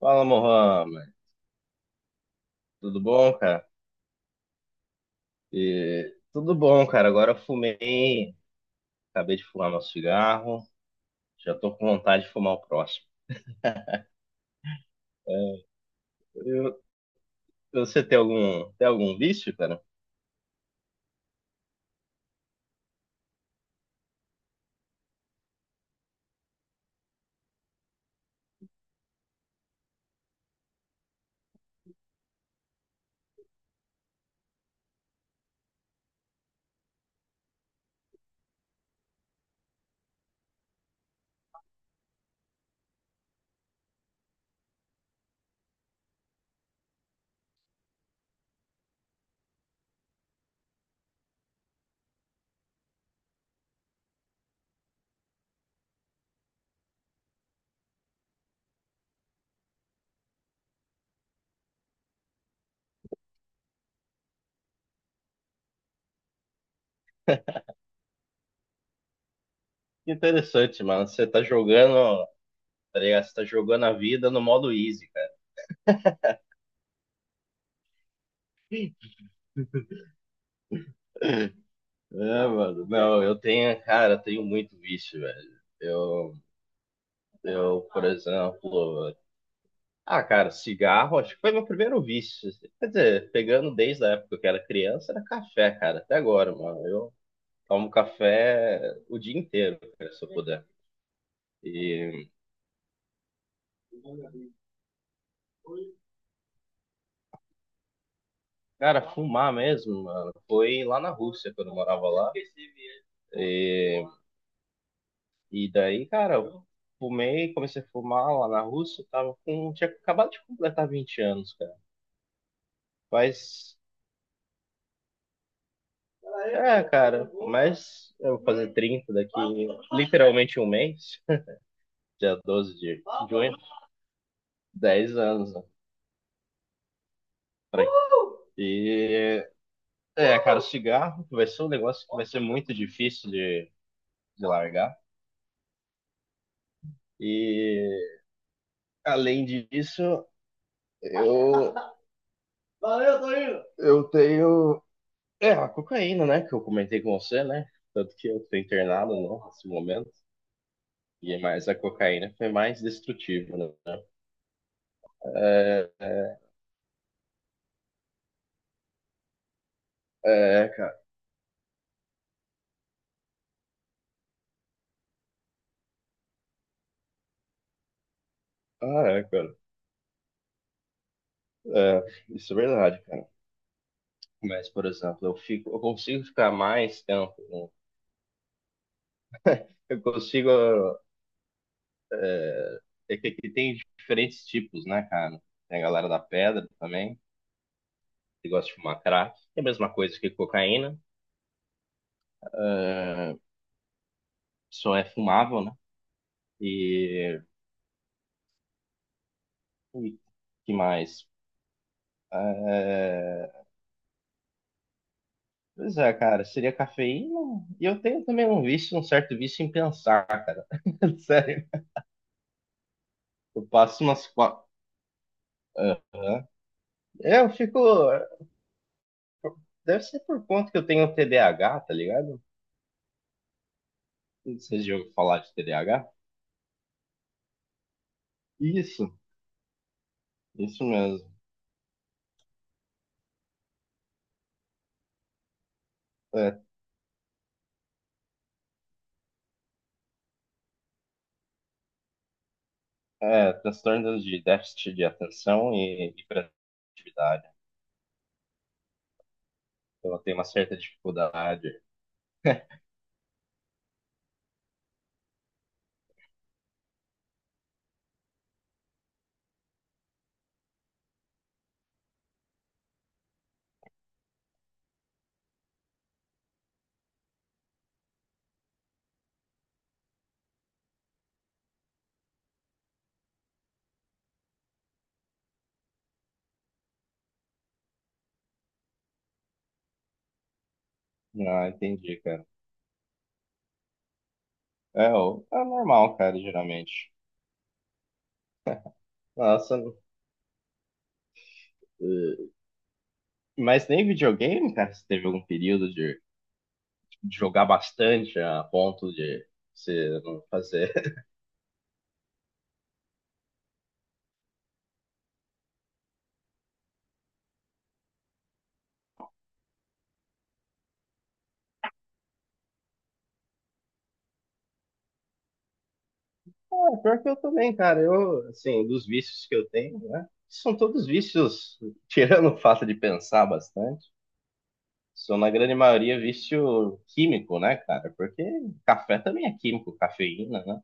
Fala, Mohamed. Tudo bom, cara? Tudo bom, cara. Agora eu fumei, acabei de fumar meu cigarro, já tô com vontade de fumar o próximo. Eu- Você tem algum vício, cara? Que interessante, mano. Você tá jogando, tá ligado? Você tá jogando a vida no modo easy, cara. É, mano. Não, eu tenho, cara, eu tenho muito vício, velho. Eu, por exemplo, ah, cara, cigarro, acho que foi meu primeiro vício, assim. Quer dizer, pegando desde a época que eu era criança, era café, cara, até agora, mano. Eu tomo café o dia inteiro, cara, se eu puder. E, cara, fumar mesmo, mano, foi lá na Rússia, quando eu morava lá. E, e, daí, cara, comecei a fumar lá na Rússia, tinha acabado de completar 20 anos, cara. Mas, cara, eu vou fazer 30 daqui literalmente um mês. Dia 12 de junho, 10 anos, né. E, cara, o cigarro vai ser um negócio que vai ser muito difícil de largar. E além disso, eu, Valeu, tô indo. Eu tenho. É, a cocaína, né? Que eu comentei com você, né? Tanto que eu tô internado não, nesse momento. E mais a cocaína foi mais destrutiva, né? É, é, é, cara. Ah, é, cara. É, isso é verdade, cara. Mas, por exemplo, eu consigo ficar mais tempo, né? Eu consigo. É que aqui tem diferentes tipos, né, cara? Tem a galera da pedra também, que gosta de fumar crack. É a mesma coisa que cocaína. é, Só é fumável, né? E. e que mais? É, pois é, cara, seria cafeína. E eu tenho também um vício, um certo vício em pensar, cara. Sério. Eu passo umas quatro. É, Eu fico. Deve ser por conta que eu tenho TDAH, tá ligado? Vocês já ouviram falar de TDAH? Isso, isso mesmo. É, é transtorno de déficit de atenção e hiperatividade. Então, eu tenho uma certa dificuldade. Ah, entendi, cara. É, é normal, cara, geralmente. Nossa, eh, mas nem videogame, cara, você teve algum período de jogar bastante a ponto de você não fazer. Ah, pior que eu também, cara. Eu, assim, dos vícios que eu tenho, né? São todos vícios, tirando o fato de pensar bastante. São na grande maioria vício químico, né, cara? Porque café também é químico, cafeína, né?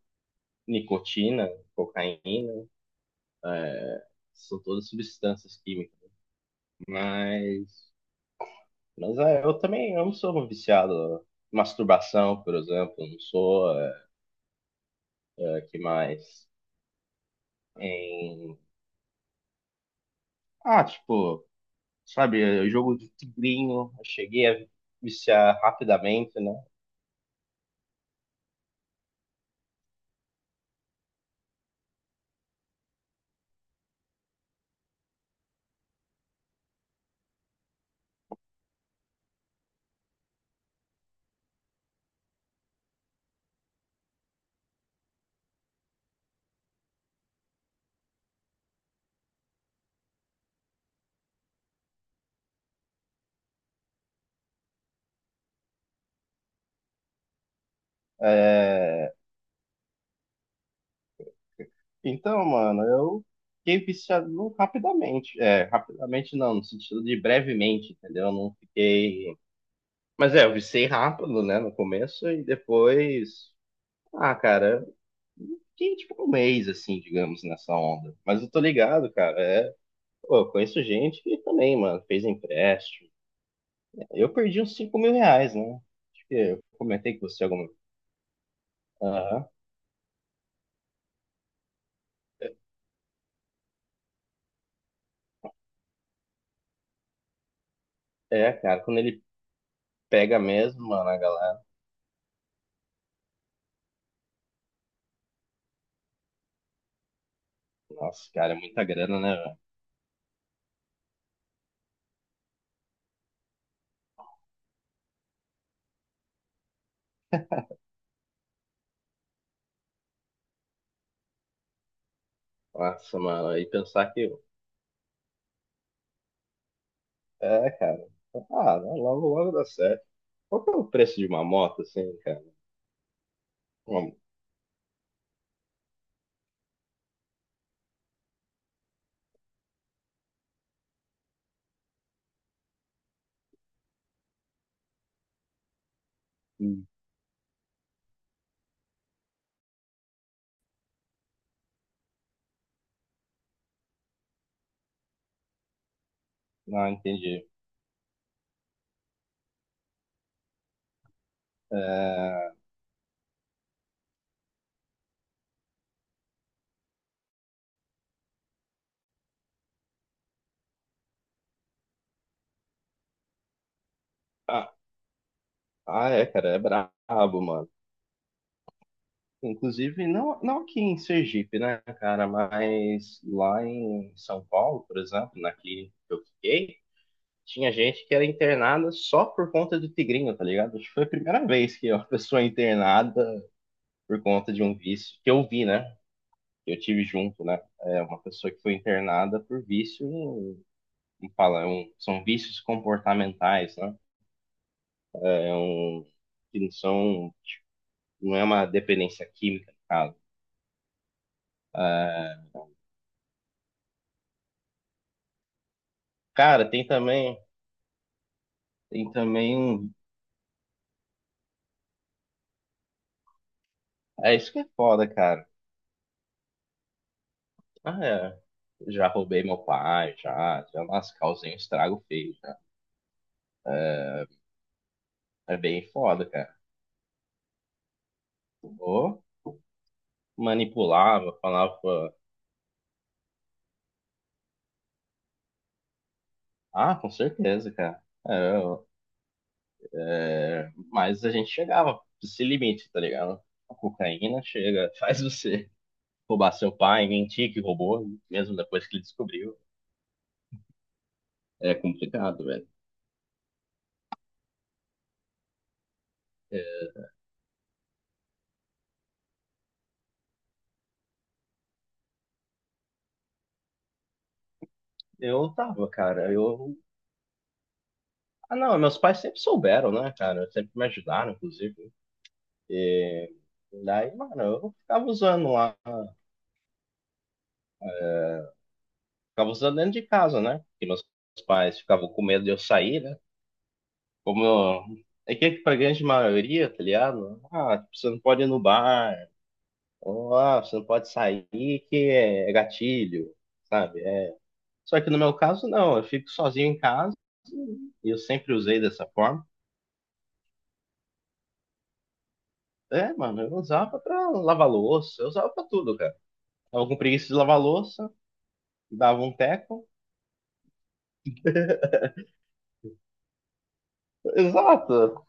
Nicotina, cocaína, são todas substâncias químicas. Mas, mas, eu também eu não sou um viciado em masturbação, por exemplo, eu não sou. É, é, que mais? Em... Ah, tipo, sabe, jogo de tigrinho, eu cheguei a viciar rapidamente, né? É, então, mano, eu fiquei viciado rapidamente. É, rapidamente não, no sentido de brevemente, entendeu? Eu não fiquei. Mas, eu viciei rápido, né, no começo e depois. Ah, cara, eu fiquei tipo um mês, assim, digamos, nessa onda. Mas eu tô ligado, cara. Pô, eu conheço gente que também, mano, fez empréstimo. Eu perdi uns R$ 5.000, né? Acho que eu comentei com você alguma. Aham. É, é, cara, quando ele pega mesmo, mano, a galera. Nossa, cara, é muita grana, né? Nossa, mano, aí pensar que. É, cara. Ah, não, logo, logo dá certo. Qual que é o preço de uma moto, assim, cara? Uma- hum, não, entendi. É, Ah, ah, é, cara, é brabo, mano. Inclusive, não, não aqui em Sergipe, né, cara, mas lá em São Paulo, por exemplo, na clínica que eu fiquei, tinha gente que era internada só por conta do tigrinho, tá ligado? Acho que foi a primeira vez que uma pessoa é internada por conta de um vício, que eu vi, né? Eu tive junto, né? É uma pessoa que foi internada por vício, como fala, são vícios comportamentais, né? É um, que não são, não é uma dependência química, no caso. Ah, cara, tem também um, é isso que é foda, cara. Ah, é, já roubei meu pai, já, já nas causei um estrago feio, já. É bem foda, cara. Ou manipulava, falava, ah, com certeza, cara. É, é, mas a gente chegava esse limite, tá ligado? A cocaína chega, faz você roubar seu pai, mentir que roubou, mesmo depois que ele descobriu. É complicado, velho. É. Eu tava, cara, eu. Ah, não, meus pais sempre souberam, né, cara? Sempre me ajudaram, inclusive. Daí, mano, eu ficava usando lá. Ficava usando dentro de casa, né? Porque meus pais ficavam com medo de eu sair, né? É que pra grande maioria, tá ligado? Ah, você não pode ir no bar, ou, você não pode sair que é gatilho, sabe? É. Só que no meu caso, não, eu fico sozinho em casa e eu sempre usei dessa forma. É, mano, eu usava pra lavar louça, eu usava pra tudo, cara. Tava com preguiça de lavar louça, dava um teco. Exato,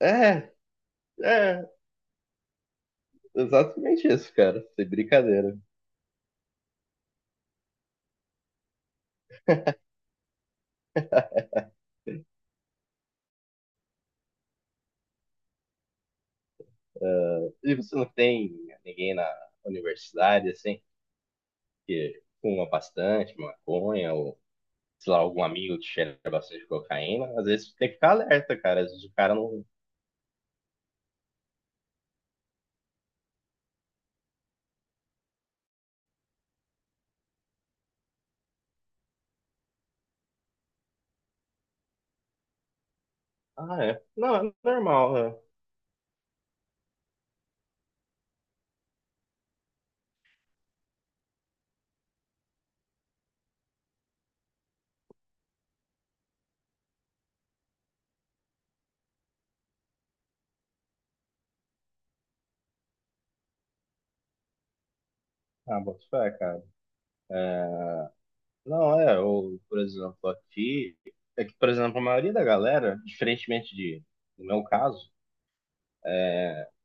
é, é, exatamente isso, cara, sem brincadeira. É, e você não tem ninguém na universidade, assim, que fuma bastante maconha ou sei lá, algum amigo que cheira bastante cocaína, às vezes tem que ficar alerta, cara. Às vezes o cara não. Ah, é. Não, é normal. É. Ah, bota fé, cara. Não, é. Ou, por exemplo, aqui. É que, por exemplo, a maioria da galera, diferentemente de, no meu caso,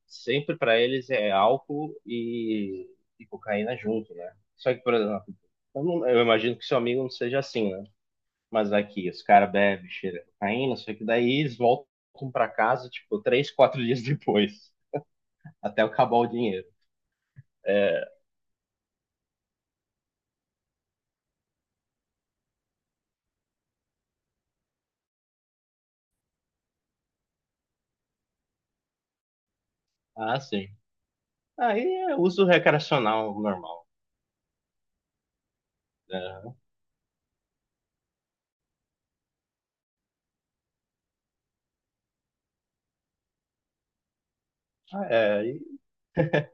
sempre pra eles é álcool e cocaína junto, né? Só que, por exemplo, eu, não- eu imagino que seu amigo não seja assim, né? Mas aqui, os caras bebem, cheira cocaína, só que daí eles voltam pra casa, tipo, 3, 4 dias depois, até acabar o dinheiro. É, ah, sim. Aí é uso recreacional normal. Né? Ah, é,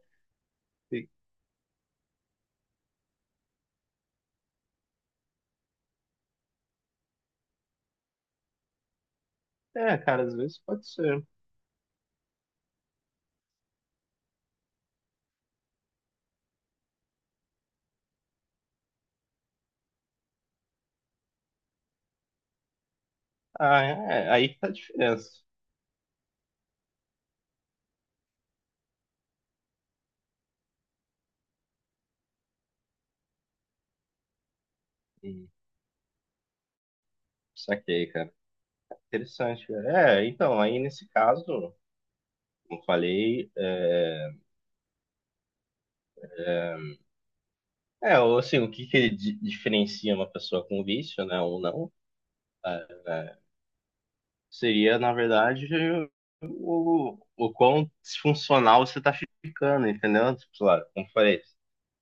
é, cara, às vezes pode ser. Ah, é, aí que tá a diferença. Hum, saquei, cara. Interessante, cara. É, então, aí nesse caso, como eu falei, o que que diferencia uma pessoa com vício, né, ou não, é, é, seria, na verdade, o quão disfuncional você tá ficando, entendeu? Tipo, sei lá, como eu falei,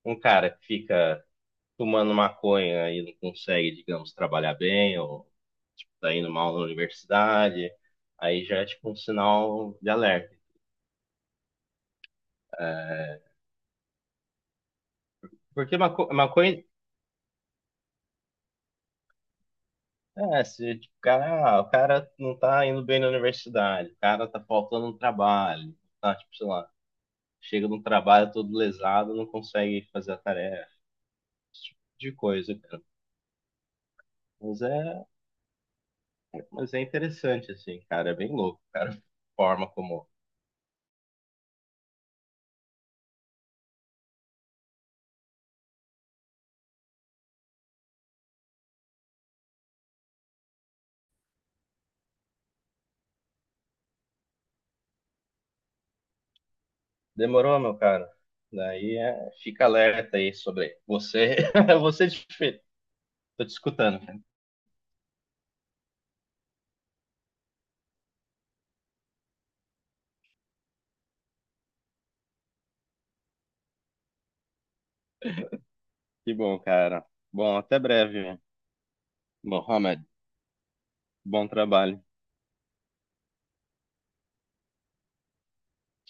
um cara que fica tomando maconha e não consegue, digamos, trabalhar bem, ou tipo, tá indo mal na universidade, aí já é tipo um sinal de alerta. É, porque maconha, se tipo, o cara, não tá indo bem na universidade, o cara tá faltando um trabalho, tá, tipo, sei lá, chega num trabalho todo lesado, não consegue fazer a tarefa, de coisa, cara. Mas é, mas é interessante, assim, cara, é bem louco, cara, a forma como. Demorou, meu cara. Daí fica alerta aí sobre você. Você, desfe- Tô te escutando, cara. Que bom, cara. Bom, até breve, Mohamed. Bom trabalho.